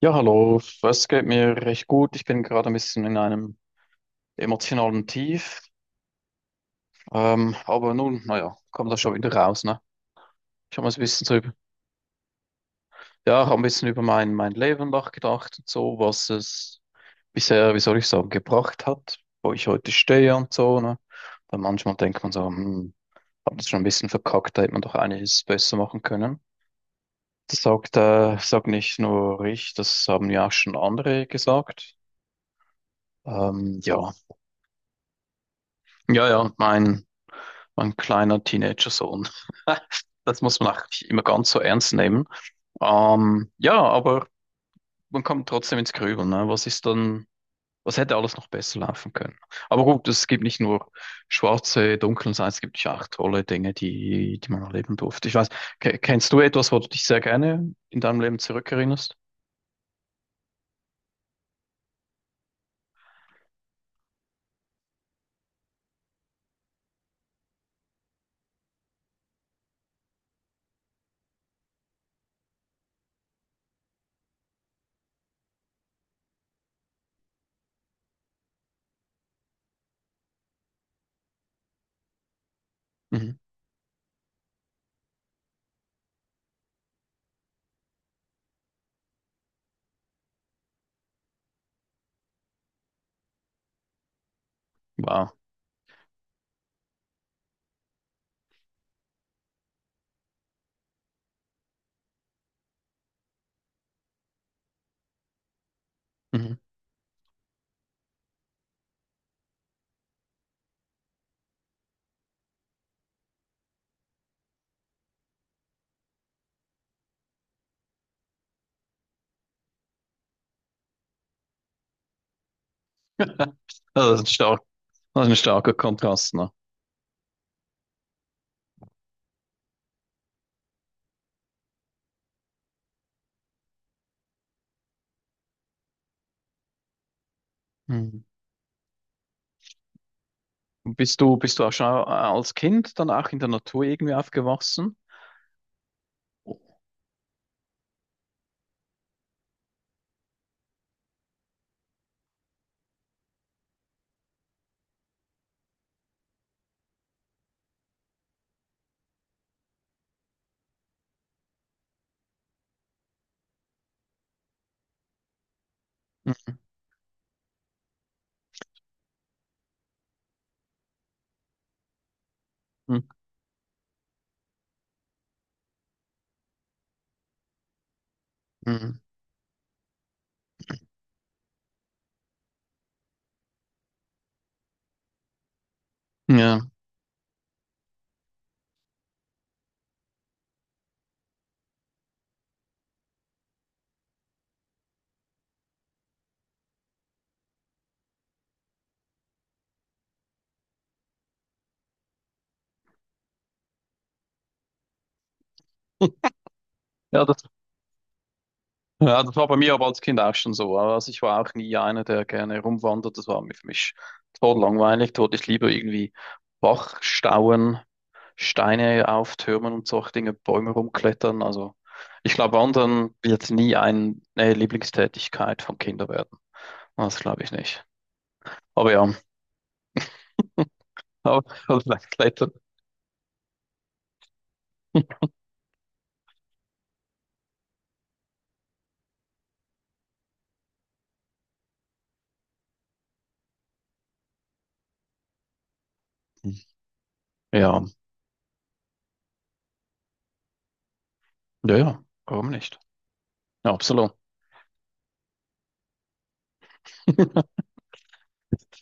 Ja, hallo, es geht mir recht gut. Ich bin gerade ein bisschen in einem emotionalen Tief. Aber nun, naja, kommt da schon wieder raus, ne? Ich habe ein bisschen drüber, ja, hab ein bisschen über mein Leben nachgedacht und so, was es bisher, wie soll ich sagen, gebracht hat, wo ich heute stehe und so, ne? Dann manchmal denkt man so, hm, hab das schon ein bisschen verkackt, da hätte man doch einiges besser machen können. Das sagt, sagt nicht nur ich, das haben ja auch schon andere gesagt. Ja, ja, ja, mein. Ein kleiner Teenager-Sohn. Das muss man auch nicht immer ganz so ernst nehmen. Ja, aber man kommt trotzdem ins Grübeln. Ne? Was ist dann, was hätte alles noch besser laufen können? Aber gut, es gibt nicht nur schwarze, dunkle Seiten, es gibt ja auch tolle Dinge, die man erleben durfte. Ich weiß, kennst du etwas, wo du dich sehr gerne in deinem Leben zurückerinnerst? Mhm. Wow. Mhm. Also, das ist stark, das ist ein starker Kontrast, ne? Mhm. Bist du auch schon als Kind dann auch in der Natur irgendwie aufgewachsen? Oh. Mhm. Mhm. Ja. Ja, das, ja, das war bei mir aber als Kind auch schon so. Also ich war auch nie einer, der gerne rumwandert. Das war mir für mich total langweilig. Dort ich lieber irgendwie Bachstauen Steine auf Türmen und solche Dinge, Bäume rumklettern. Also ich glaube, Wandern wird nie eine Lieblingstätigkeit von Kindern werden. Das glaube ich nicht. Aber ja, aber aber vielleicht klettern. Ja, ja, ja, warum nicht? Ja, absolut.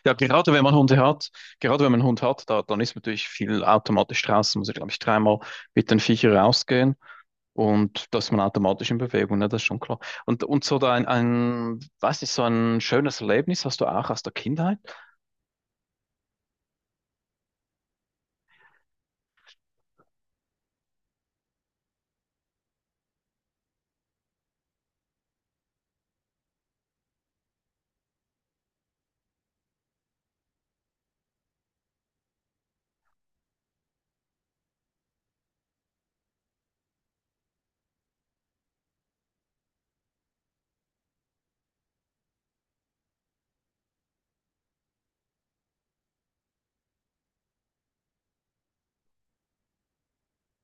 Ja, gerade wenn man Hunde hat, gerade wenn man einen Hund hat, da, dann ist natürlich viel automatisch draußen, muss ich glaube ich, dreimal mit den Viechern rausgehen, und da ist man automatisch in Bewegung, ne? Das ist schon klar. Und so da weiß nicht, so ein schönes Erlebnis hast du auch aus der Kindheit?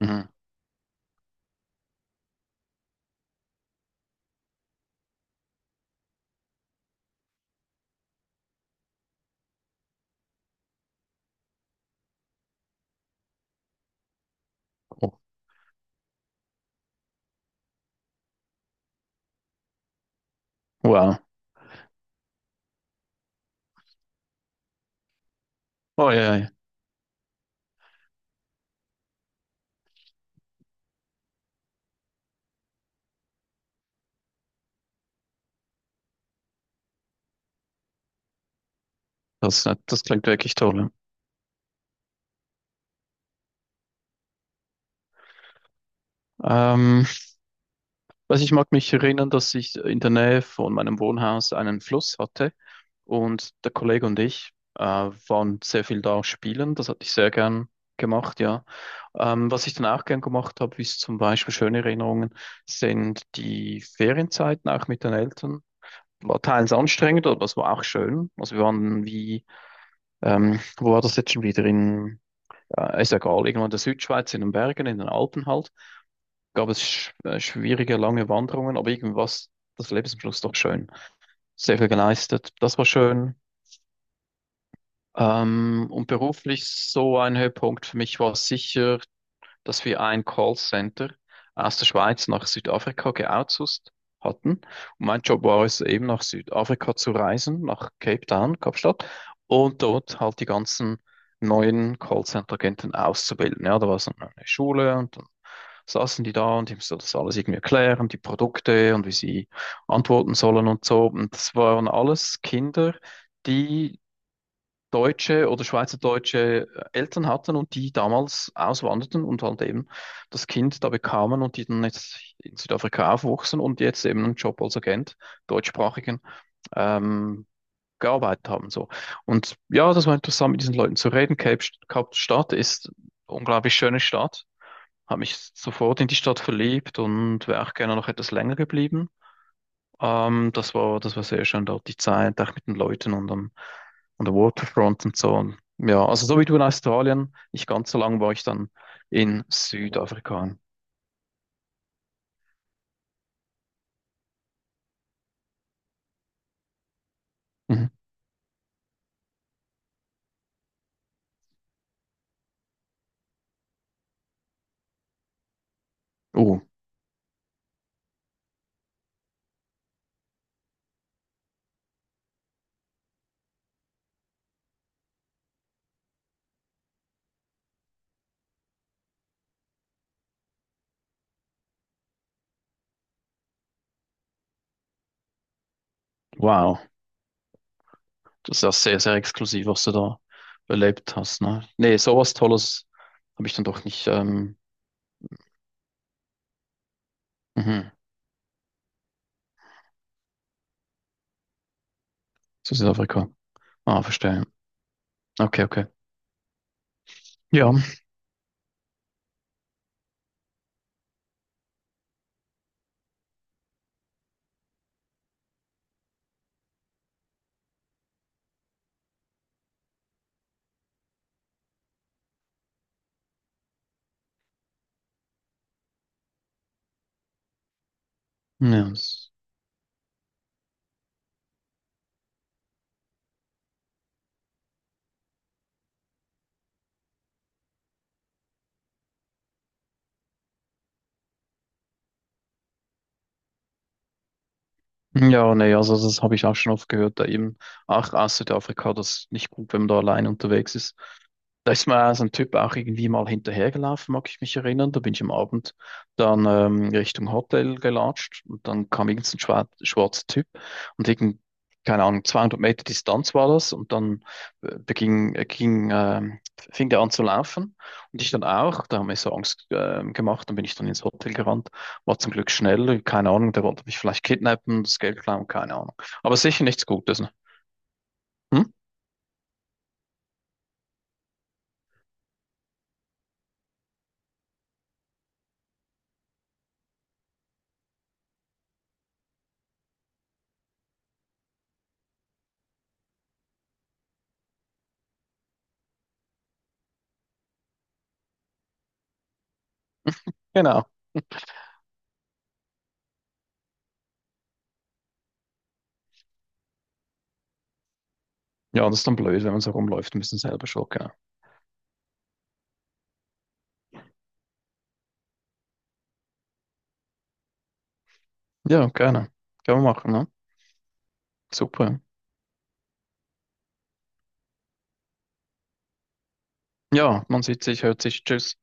Mhm. Oh, wow. Oh ja, ja. Das, das klingt wirklich toll. Ähm, also ich mag mich erinnern, dass ich in der Nähe von meinem Wohnhaus einen Fluss hatte, und der Kollege und ich waren sehr viel da spielen. Das hatte ich sehr gern gemacht, ja. Was ich dann auch gern gemacht habe, ist zum Beispiel schöne Erinnerungen, sind die Ferienzeiten auch mit den Eltern. War teils anstrengend, aber es war auch schön. Also wir waren wie, wo war das jetzt schon wieder? In ja, ist egal, irgendwo in der Südschweiz, in den Bergen, in den Alpen halt, gab es schwierige, lange Wanderungen, aber irgendwas, das Leben ist am Schluss doch schön. Sehr viel geleistet, das war schön. Und beruflich so ein Höhepunkt für mich war sicher, dass wir ein Callcenter aus der Schweiz nach Südafrika geoutsourced hatten. Und mein Job war es eben nach Südafrika zu reisen, nach Cape Town, Kapstadt, und dort halt die ganzen neuen Callcenter-Agenten auszubilden. Ja, da war so eine Schule und dann saßen die da und ich musste das alles irgendwie erklären, die Produkte und wie sie antworten sollen und so. Und das waren alles Kinder, die deutsche oder schweizerdeutsche Eltern hatten und die damals auswanderten und halt eben das Kind da bekamen und die dann jetzt in Südafrika aufwuchsen und jetzt eben einen Job als Agent, deutschsprachigen, ähm, gearbeitet haben. So. Und ja, das war interessant, mit diesen Leuten zu reden. Kapstadt ist eine unglaublich schöne Stadt, habe mich sofort in die Stadt verliebt und wäre auch gerne noch etwas länger geblieben. Das war sehr schön dort, die Zeit, auch mit den Leuten und an der Waterfront und so. Und ja, also so wie du in Australien, nicht ganz so lang war ich dann in Südafrika. Mhm. Oh, wow. Das ist ja sehr, sehr exklusiv, was du da erlebt hast, ne? Nee, sowas Tolles habe ich dann doch nicht, mhm, zu Südafrika. Ah, verstehe. Okay, okay. Ja, ja. Ja, nee, also das habe ich auch schon oft gehört, da eben, ach, aus Südafrika, das ist nicht gut, wenn man da allein unterwegs ist. Da ist mir so ein Typ auch irgendwie mal hinterhergelaufen, mag ich mich erinnern. Da bin ich am Abend dann Richtung Hotel gelatscht und dann kam irgend so ein schwarzer Typ und irgend, keine Ahnung, 200 Meter Distanz war das, und dann ging, fing der an zu laufen und ich dann auch. Da haben wir so Angst gemacht, dann bin ich dann ins Hotel gerannt. War zum Glück schnell, keine Ahnung, der wollte mich vielleicht kidnappen, das Geld klauen, keine Ahnung. Aber sicher nichts Gutes, ne? Hm? Genau. Ja, das ist dann blöd, wenn man so rumläuft, ein bisschen selber schuld, genau. Ja, gerne. Können wir machen, ne? Super. Ja, man sieht sich, hört sich, tschüss.